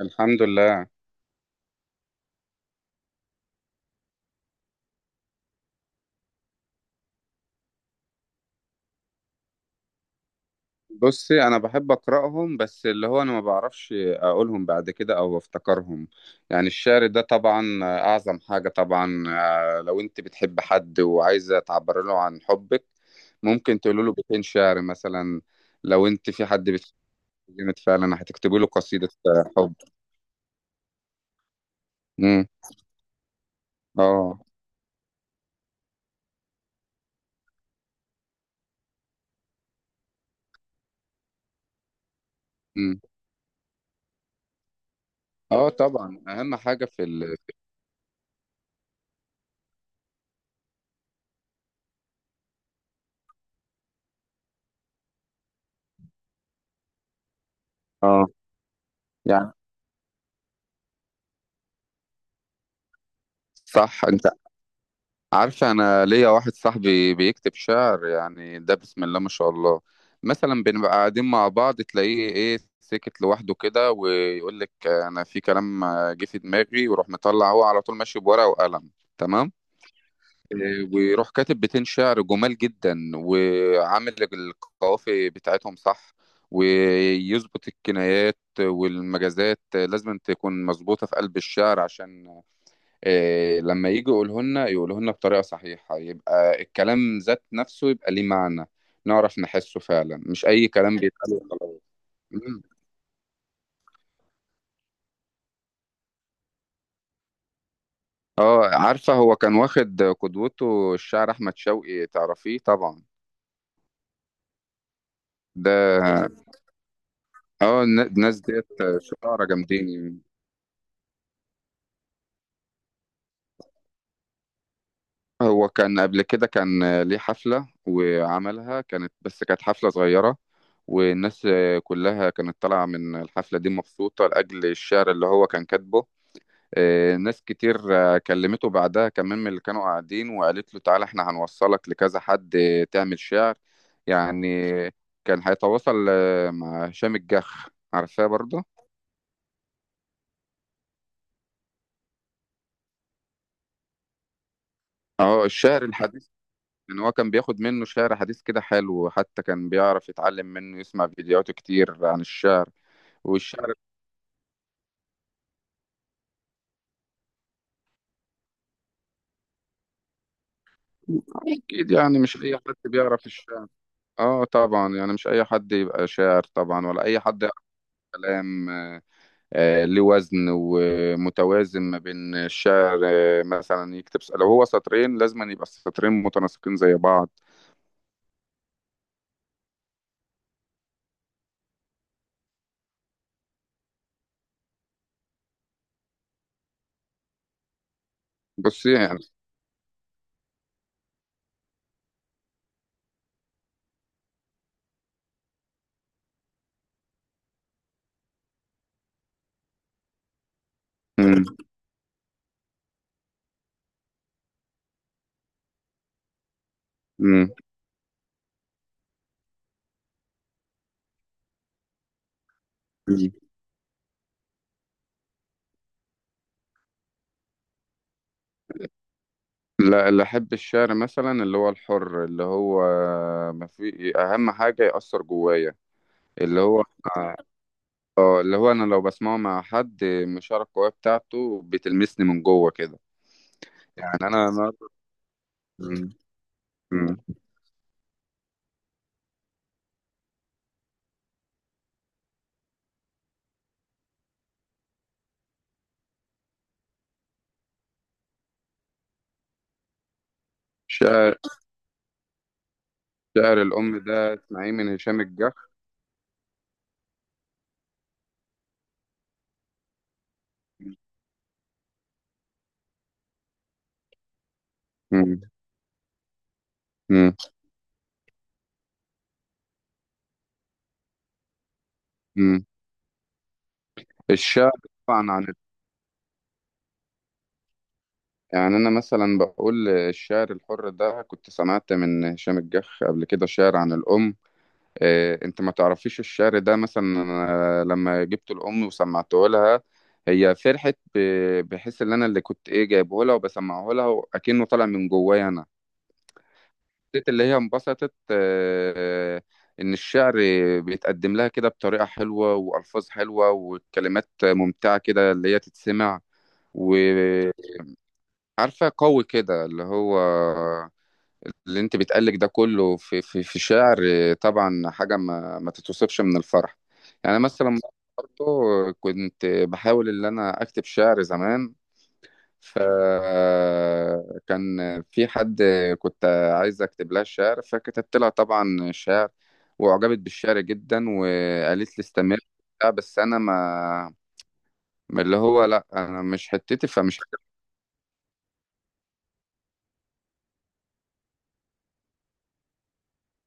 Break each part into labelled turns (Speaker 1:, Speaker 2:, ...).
Speaker 1: الحمد لله. بصي، انا بحب اقراهم، بس اللي هو انا ما بعرفش اقولهم بعد كده او افتكرهم. يعني الشعر ده طبعا اعظم حاجة طبعا، لو انت بتحب حد وعايزة تعبر له عن حبك ممكن تقول له بيتين شعر مثلا. لو انت في حد بتحب جامد فعلا هتكتبي له قصيدة حب. امم. اه. امم. اه طبعا اهم حاجة اه، يعني صح. انت عارفة، أنا ليا واحد صاحبي بيكتب شعر، يعني ده بسم الله ما شاء الله. مثلا بنبقى قاعدين مع بعض تلاقيه إيه سكت لوحده كده، ويقول لك أنا في كلام جه في دماغي، ويروح مطلع هو على طول ماشي بورقة وقلم. تمام. إيه، ويروح كاتب بيتين شعر جمال جدا، وعامل القوافي بتاعتهم صح، ويظبط الكنايات والمجازات، لازم تكون مظبوطة في قلب الشعر عشان إيه لما يجي يقوله لنا يقوله لنا بطريقة صحيحة يبقى الكلام ذات نفسه يبقى ليه معنى، نعرف نحسه فعلا، مش أي كلام بيتقال وخلاص. مم. اه، عارفة هو كان واخد قدوته الشاعر أحمد شوقي، تعرفيه طبعا. ده اه، الناس ديت شعراء جامدين يعني. هو كان قبل كده كان ليه حفلة وعملها، كانت بس كانت حفلة صغيرة، والناس كلها كانت طالعة من الحفلة دي مبسوطة لأجل الشعر اللي هو كان كاتبه. ناس كتير، كلمته بعدها كمان من اللي كانوا قاعدين وقالت له تعالى احنا هنوصلك لكذا حد، تعمل شعر. يعني كان هيتواصل مع هشام الجح، عارفاه برضه. اه الشعر الحديث. يعني هو كان بياخد منه شعر حديث كده حلو، حتى كان بيعرف يتعلم منه يسمع فيديوهات كتير عن الشعر والشعر. اكيد يعني مش اي حد بيعرف الشعر. اه طبعا، يعني مش اي حد يبقى شاعر طبعا ولا اي حد يعرف كلام ليه وزن ومتوازن ما بين الشعر، مثلا لو هو سطرين لازم أن يبقى السطرين متناسقين زي بعض. بصي يعني. مم. مم. مم. لا، اللي أحب الشعر مثلا اللي هو الحر، اللي هو ما في أهم حاجة يأثر جوايا. اللي هو اه اللي هو أنا لو بسمعه مع حد من الشعر القوية بتاعته بتلمسني من جوه كده. يعني أنا مرة. مم. مم. شعر شعر الأم ده اسمعيه من هشام الجح. مم. مم. مم. الشعر طبعا عن، يعني انا مثلا بقول الشعر الحر ده كنت سمعت من هشام الجح قبل كده شعر عن الام. إيه، انت ما تعرفيش الشعر ده؟ مثلا أنا لما جبت الام وسمعته لها، هي فرحت، بحس ان انا اللي كنت ايه جايبه لها وبسمعه لها، وأكنه طالع من جوايا انا. حسيت اللي هي انبسطت، ان الشعر بيتقدم لها كده بطريقة حلوة والفاظ حلوة وكلمات ممتعة كده اللي هي تتسمع. عارفة قوي كده اللي هو، اللي انت بتقلك ده كله في شعر. طبعا حاجة ما تتوصفش من الفرح. يعني مثلا برضه كنت بحاول ان انا اكتب شعر زمان، فكان في حد، كنت عايز اكتب لها شعر فكتبت لها طبعا شعر، واعجبت بالشعر جدا وقالت لي استمر وبتاع، بس انا ما اللي هو لا انا مش حتتي فمش.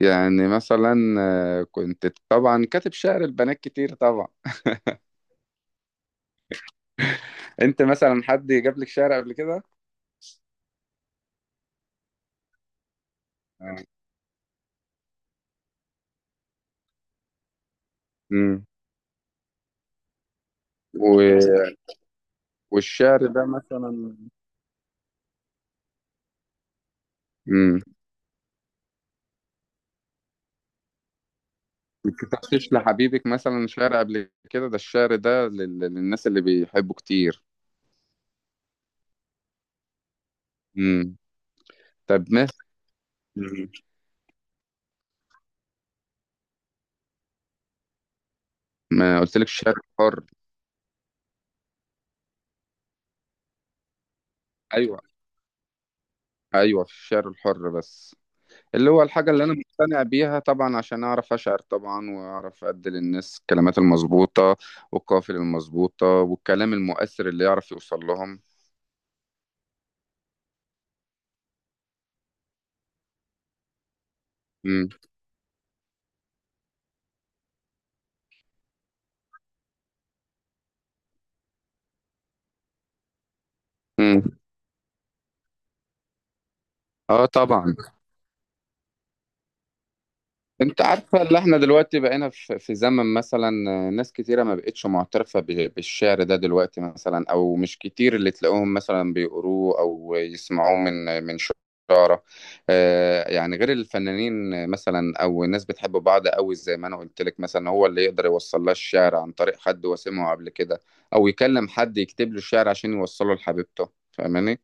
Speaker 1: يعني مثلا كنت طبعا كاتب شعر البنات كتير طبعا. انت مثلا حد جاب لك شعر قبل كده؟ امم. و... والشعر ده مثلا. امم. كتبتش لحبيبك مثلا شعر قبل كده؟ ده الشعر ده للناس اللي بيحبوا كتير. امم. طب ما مم. ما قلت لك الشعر الحر. ايوه، ايوه الشعر الحر بس، اللي هو الحاجة اللي أنا مقتنع بيها طبعا عشان أعرف أشعر طبعا، وأعرف أدي للناس الكلمات المظبوطة والقافية المظبوطة والكلام المؤثر اللي يعرف يوصل لهم. مم. مم. اه طبعا. انت عارفة اللي احنا دلوقتي بقينا في زمن، مثلا ناس كتيرة ما بقتش معترفة بالشعر ده دلوقتي، مثلا او مش كتير اللي تلاقوهم مثلا بيقروه او يسمعوه من شعراء، يعني غير الفنانين مثلا، او ناس بتحب بعض قوي، زي ما انا قلت لك مثلا هو اللي يقدر يوصل لها الشعر عن طريق حد وسمعه قبل كده، او يكلم حد يكتب له الشعر عشان يوصله لحبيبته. فاهماني؟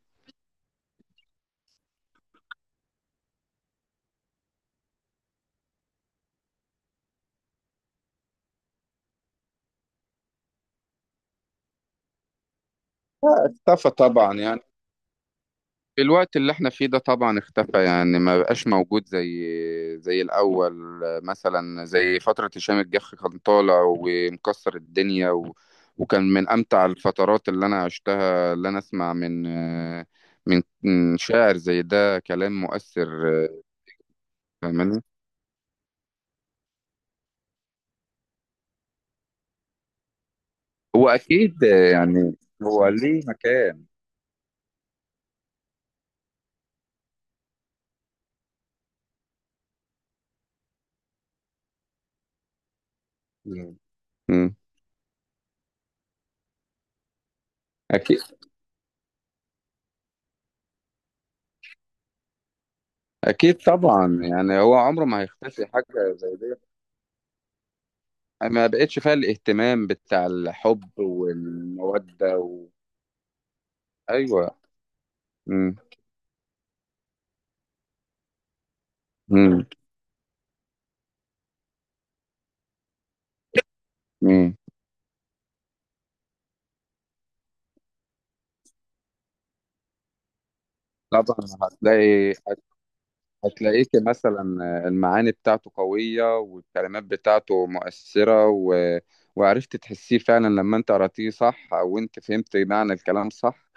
Speaker 1: لا، اختفى طبعا يعني. الوقت اللي احنا فيه ده طبعا اختفى، يعني ما بقاش موجود زي الأول. مثلا زي فترة هشام الجح كان طالع ومكسر الدنيا، و... وكان من أمتع الفترات اللي أنا عشتها اللي أنا أسمع من من شاعر زي ده كلام مؤثر. فاهمني. هو أكيد، يعني هو ليه مكان. مم. أكيد. أكيد طبعا، يعني هو عمره ما هيختفي حاجة زي ده. ما بقتش فيها الاهتمام بتاع الحب والمودة و... أيوة. مم. مم. مم. طبعا هتلاقي هتلاقيك مثلا المعاني بتاعته قوية والكلمات بتاعته مؤثرة و... وعرفت تحسيه فعلا لما انت قرأتيه صح، أو انت فهمت معنى الكلام صح،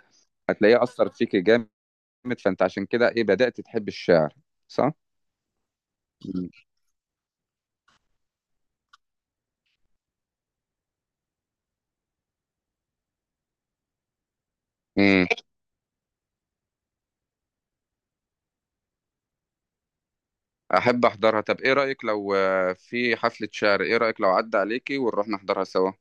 Speaker 1: هتلاقيه أثر فيك جامد. فانت عشان كده ايه بدأت تحب الشعر، صح؟ مم. احب احضرها. طب ايه رايك لو في حفله شعر، ايه رايك لو عدى عليكي ونروح نحضرها سوا؟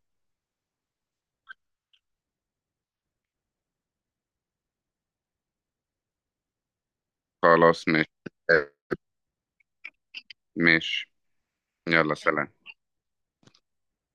Speaker 1: خلاص ماشي. ماشي، يلا سلام.